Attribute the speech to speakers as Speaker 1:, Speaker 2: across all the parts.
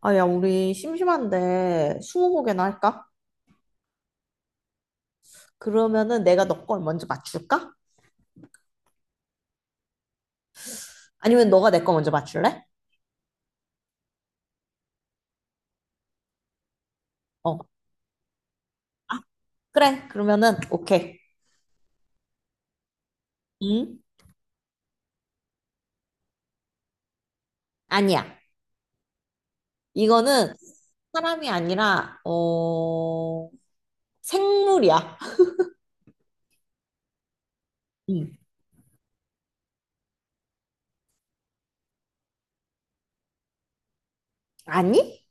Speaker 1: 아, 야, 우리 심심한데 스무고개나 할까? 그러면은 내가 너 걸 먼저 맞출까? 아니면 너가 내 거 먼저 맞출래? 어, 그래. 그러면은 오케이. 응? 아니야. 이거는 사람이 아니라 생물이야. 응. 아니?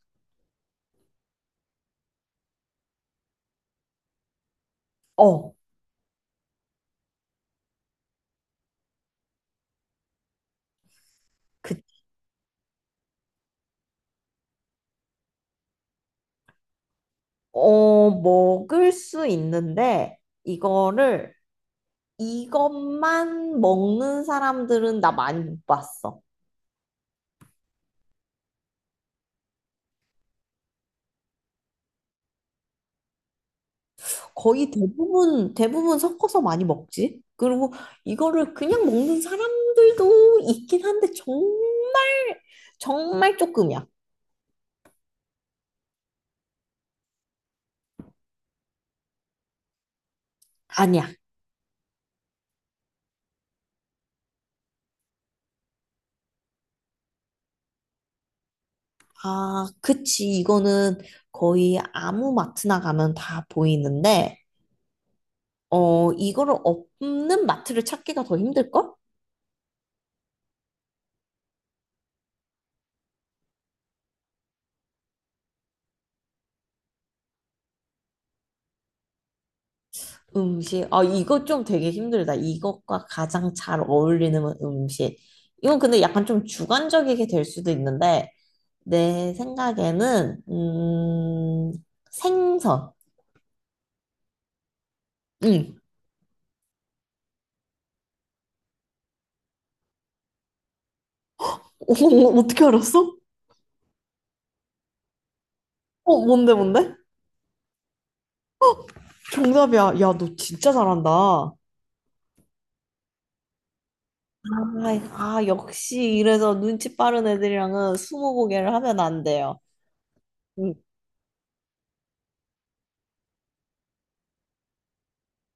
Speaker 1: 어, 그, 먹을 수 있는데 이거를 이것만 먹는 사람들은 나 많이 못 봤어. 거의 대부분 섞어서 많이 먹지. 그리고 이거를 그냥 먹는 사람들도 있긴 한데, 정말, 정말 조금이야. 아니야. 아, 그치. 이거는 거의 아무 마트나 가면 다 보이는데, 어, 이거를 없는 마트를 찾기가 더 힘들걸? 음식. 아, 이거 좀 되게 힘들다. 이것과 가장 잘 어울리는 음식. 이건 근데 약간 좀 주관적이게 될 수도 있는데, 내 생각에는, 생선. 응. 어, 어, 어, 어떻게 알았어? 어, 뭔데, 뭔데? 정답이야. 야, 너 진짜 잘한다. 아, 아, 역시 이래서 눈치 빠른 애들이랑은 스무고개를 하면 안 돼요. 응.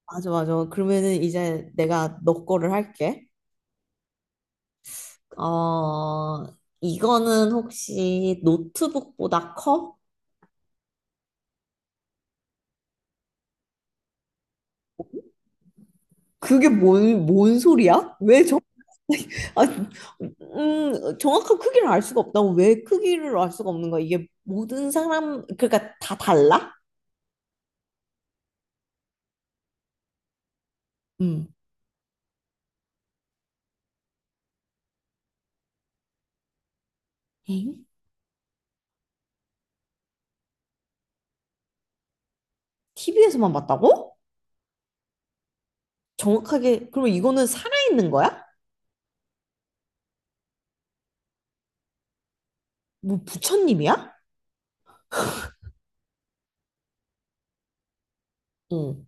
Speaker 1: 맞아, 맞아. 그러면은 이제 내가 너 거를 할게. 어, 이거는 혹시 노트북보다 커? 그게 뭔 소리야? 왜 정, 아, 정확한 크기를 알 수가 없다고 왜 크기를 알 수가 없는 거야? 이게 모든 사람, 그러니까 다 달라? 음. 엥? TV에서만 봤다고? 정확하게, 그러면 이거는 살아있는 거야? 뭐 부처님이야? 응.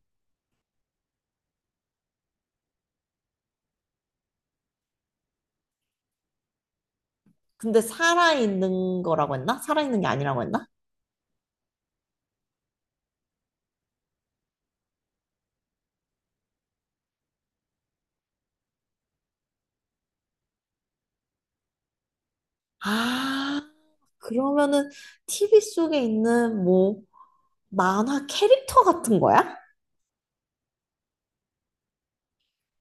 Speaker 1: 근데 살아있는 거라고 했나? 살아있는 게 아니라고 했나? 아, 그러면은 TV 속에 있는 뭐 만화 캐릭터 같은 거야?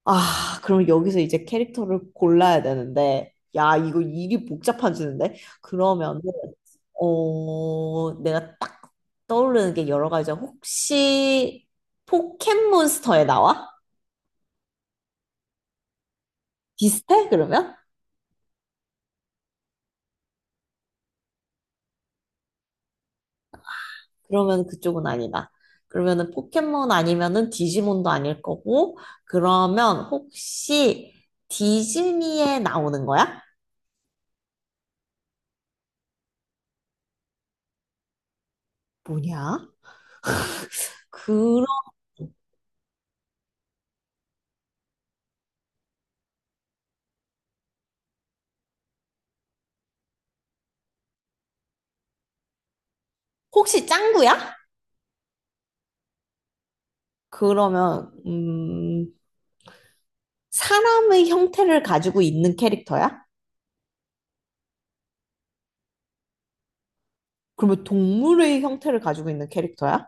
Speaker 1: 아, 그럼 여기서 이제 캐릭터를 골라야 되는데, 야, 이거 일이 복잡해지는데? 그러면은, 어, 내가 딱 떠오르는 게 여러 가지야. 혹시 포켓몬스터에 나와? 비슷해? 그러면? 그러면 그쪽은 아니다. 그러면은 포켓몬 아니면은 디지몬도 아닐 거고, 그러면 혹시 디즈니에 나오는 거야? 뭐냐? 그럼 혹시 짱구야? 그러면, 사람의 형태를 가지고 있는 캐릭터야? 그러면 동물의 형태를 가지고 있는 캐릭터야?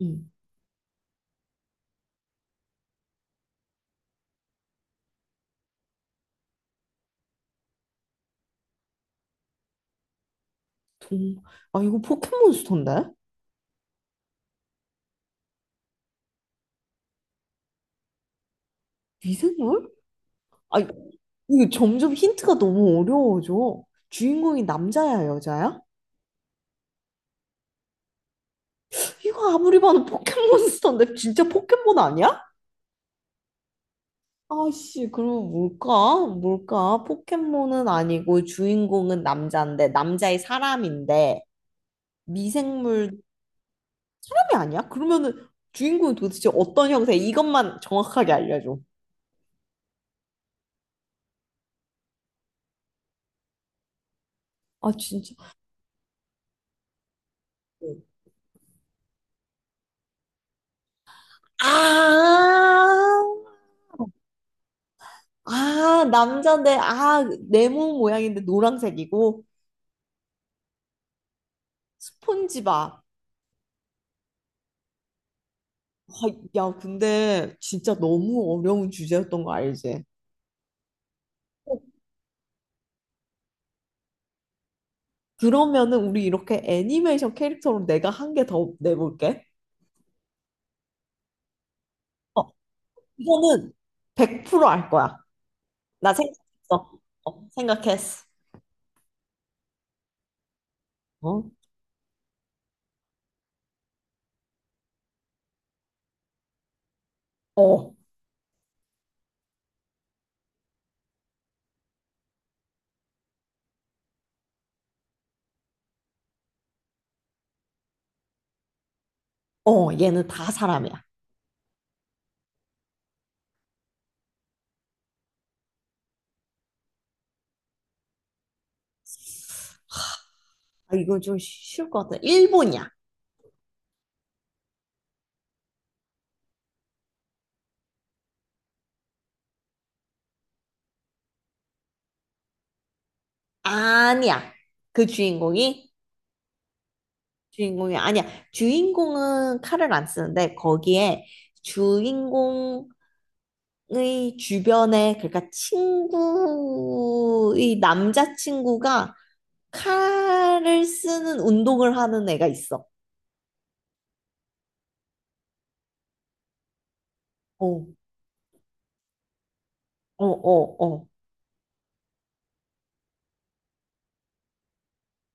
Speaker 1: 음, 동, 아, 이거 포켓몬스터인데? 미생물? 아, 이거 점점 힌트가 너무 어려워져. 주인공이 남자야, 여자야? 이거 아무리 봐도 포켓몬스터인데 진짜 포켓몬 아니야? 아씨, 그럼 뭘까? 뭘까? 포켓몬은 아니고 주인공은 남자인데 남자의 사람인데 미생물 사람이 아니야? 그러면은 주인공이 도대체 어떤 형태? 이것만 정확하게 알려줘. 아, 진짜. 아, 아, 남잔데, 아, 네모 모양인데 노란색이고, 스폰지밥. 아, 야, 근데 진짜 너무 어려운 주제였던 거 알지? 어, 그러면은 우리 이렇게 애니메이션 캐릭터로 내가 한 개 더 내볼게. 어, 이거는 100% 알 거야. 나 생각했어. 어, 생각했어. 어? 어, 어, 얘는 다 사람이야. 아, 이거 좀 쉬울 것 같아. 일본이야. 아니야. 그 주인공이? 주인공이 아니야. 주인공은 칼을 안 쓰는데 거기에 주인공의 주변에 그러니까 친구의 남자친구가 칼을 쓰는 운동을 하는 애가 있어. 어, 어, 어, 어.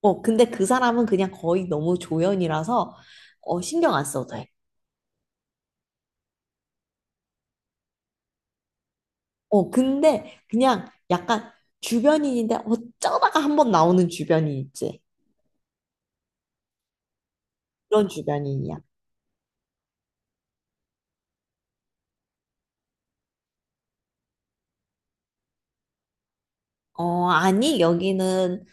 Speaker 1: 어, 근데 그 사람은 그냥 거의 너무 조연이라서 어, 신경 안 써도 돼. 어, 근데 그냥 약간 주변인인데 어쩌다가 한번 나오는 주변인 있지. 그런 주변인이야. 어, 아니, 여기는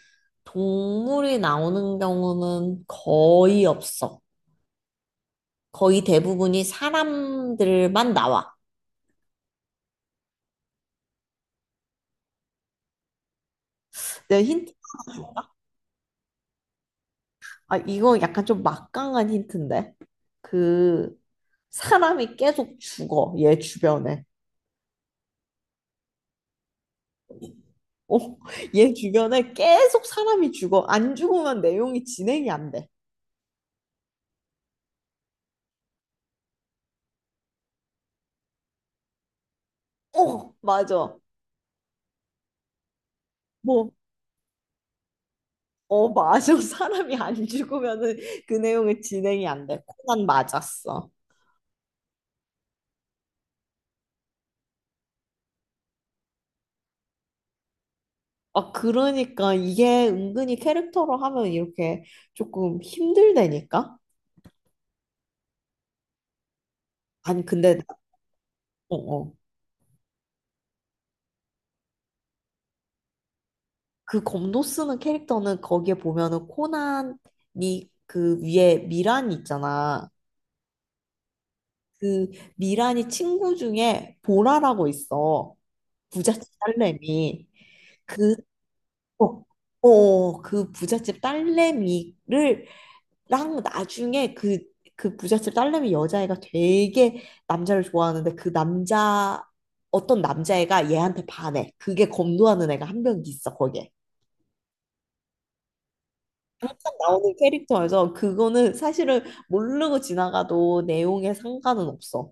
Speaker 1: 동물이 나오는 경우는 거의 없어. 거의 대부분이 사람들만 나와. 내 힌트, 아, 이거 약간 좀 막강한 힌트인데. 그, 사람이 계속 죽어, 얘 주변에. 어, 얘 주변에 계속 사람이 죽어. 안 죽으면 내용이 진행이 안 돼. 어, 맞아. 뭐, 어, 맞아. 사람이 안 죽으면은 그 내용이 진행이 안 돼. 코난 맞았어. 아, 그러니까 이게 은근히 캐릭터로 하면 이렇게 조금 힘들다니까? 아니, 근데, 나- 어, 어. 그 검도 쓰는 캐릭터는 거기에 보면은 코난이 그 위에 미란이 있잖아. 그 미란이 친구 중에 보라라고 있어. 부잣집 딸내미. 그 어, 어, 그 부잣집 딸내미를 랑 나중에 그, 그 부잣집 딸내미 여자애가 되게 남자를 좋아하는데 그 남자 어떤 남자애가 얘한테 반해. 그게 검도하는 애가 한 명 있어 거기에. 딱 나오는 캐릭터여서 그거는 사실은 모르고 지나가도 내용에 상관은 없어.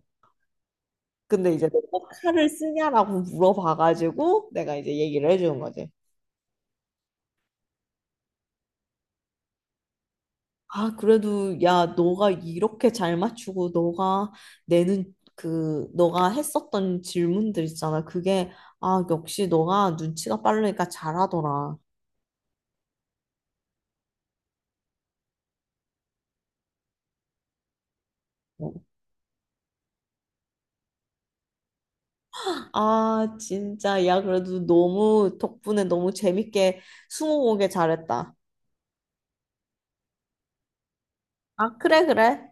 Speaker 1: 근데 이제 내가 칼을 쓰냐라고 물어봐가지고 내가 이제 얘기를 해주는 거지. 아, 그래도 야, 너가 이렇게 잘 맞추고 너가 내는 그 너가 했었던 질문들 있잖아. 그게 아, 역시 너가 눈치가 빠르니까 잘하더라. 어. 아, 진짜 야, 그래도 너무 덕분에 너무 재밌게 스무고개 잘했다. 아, 그래, 그래.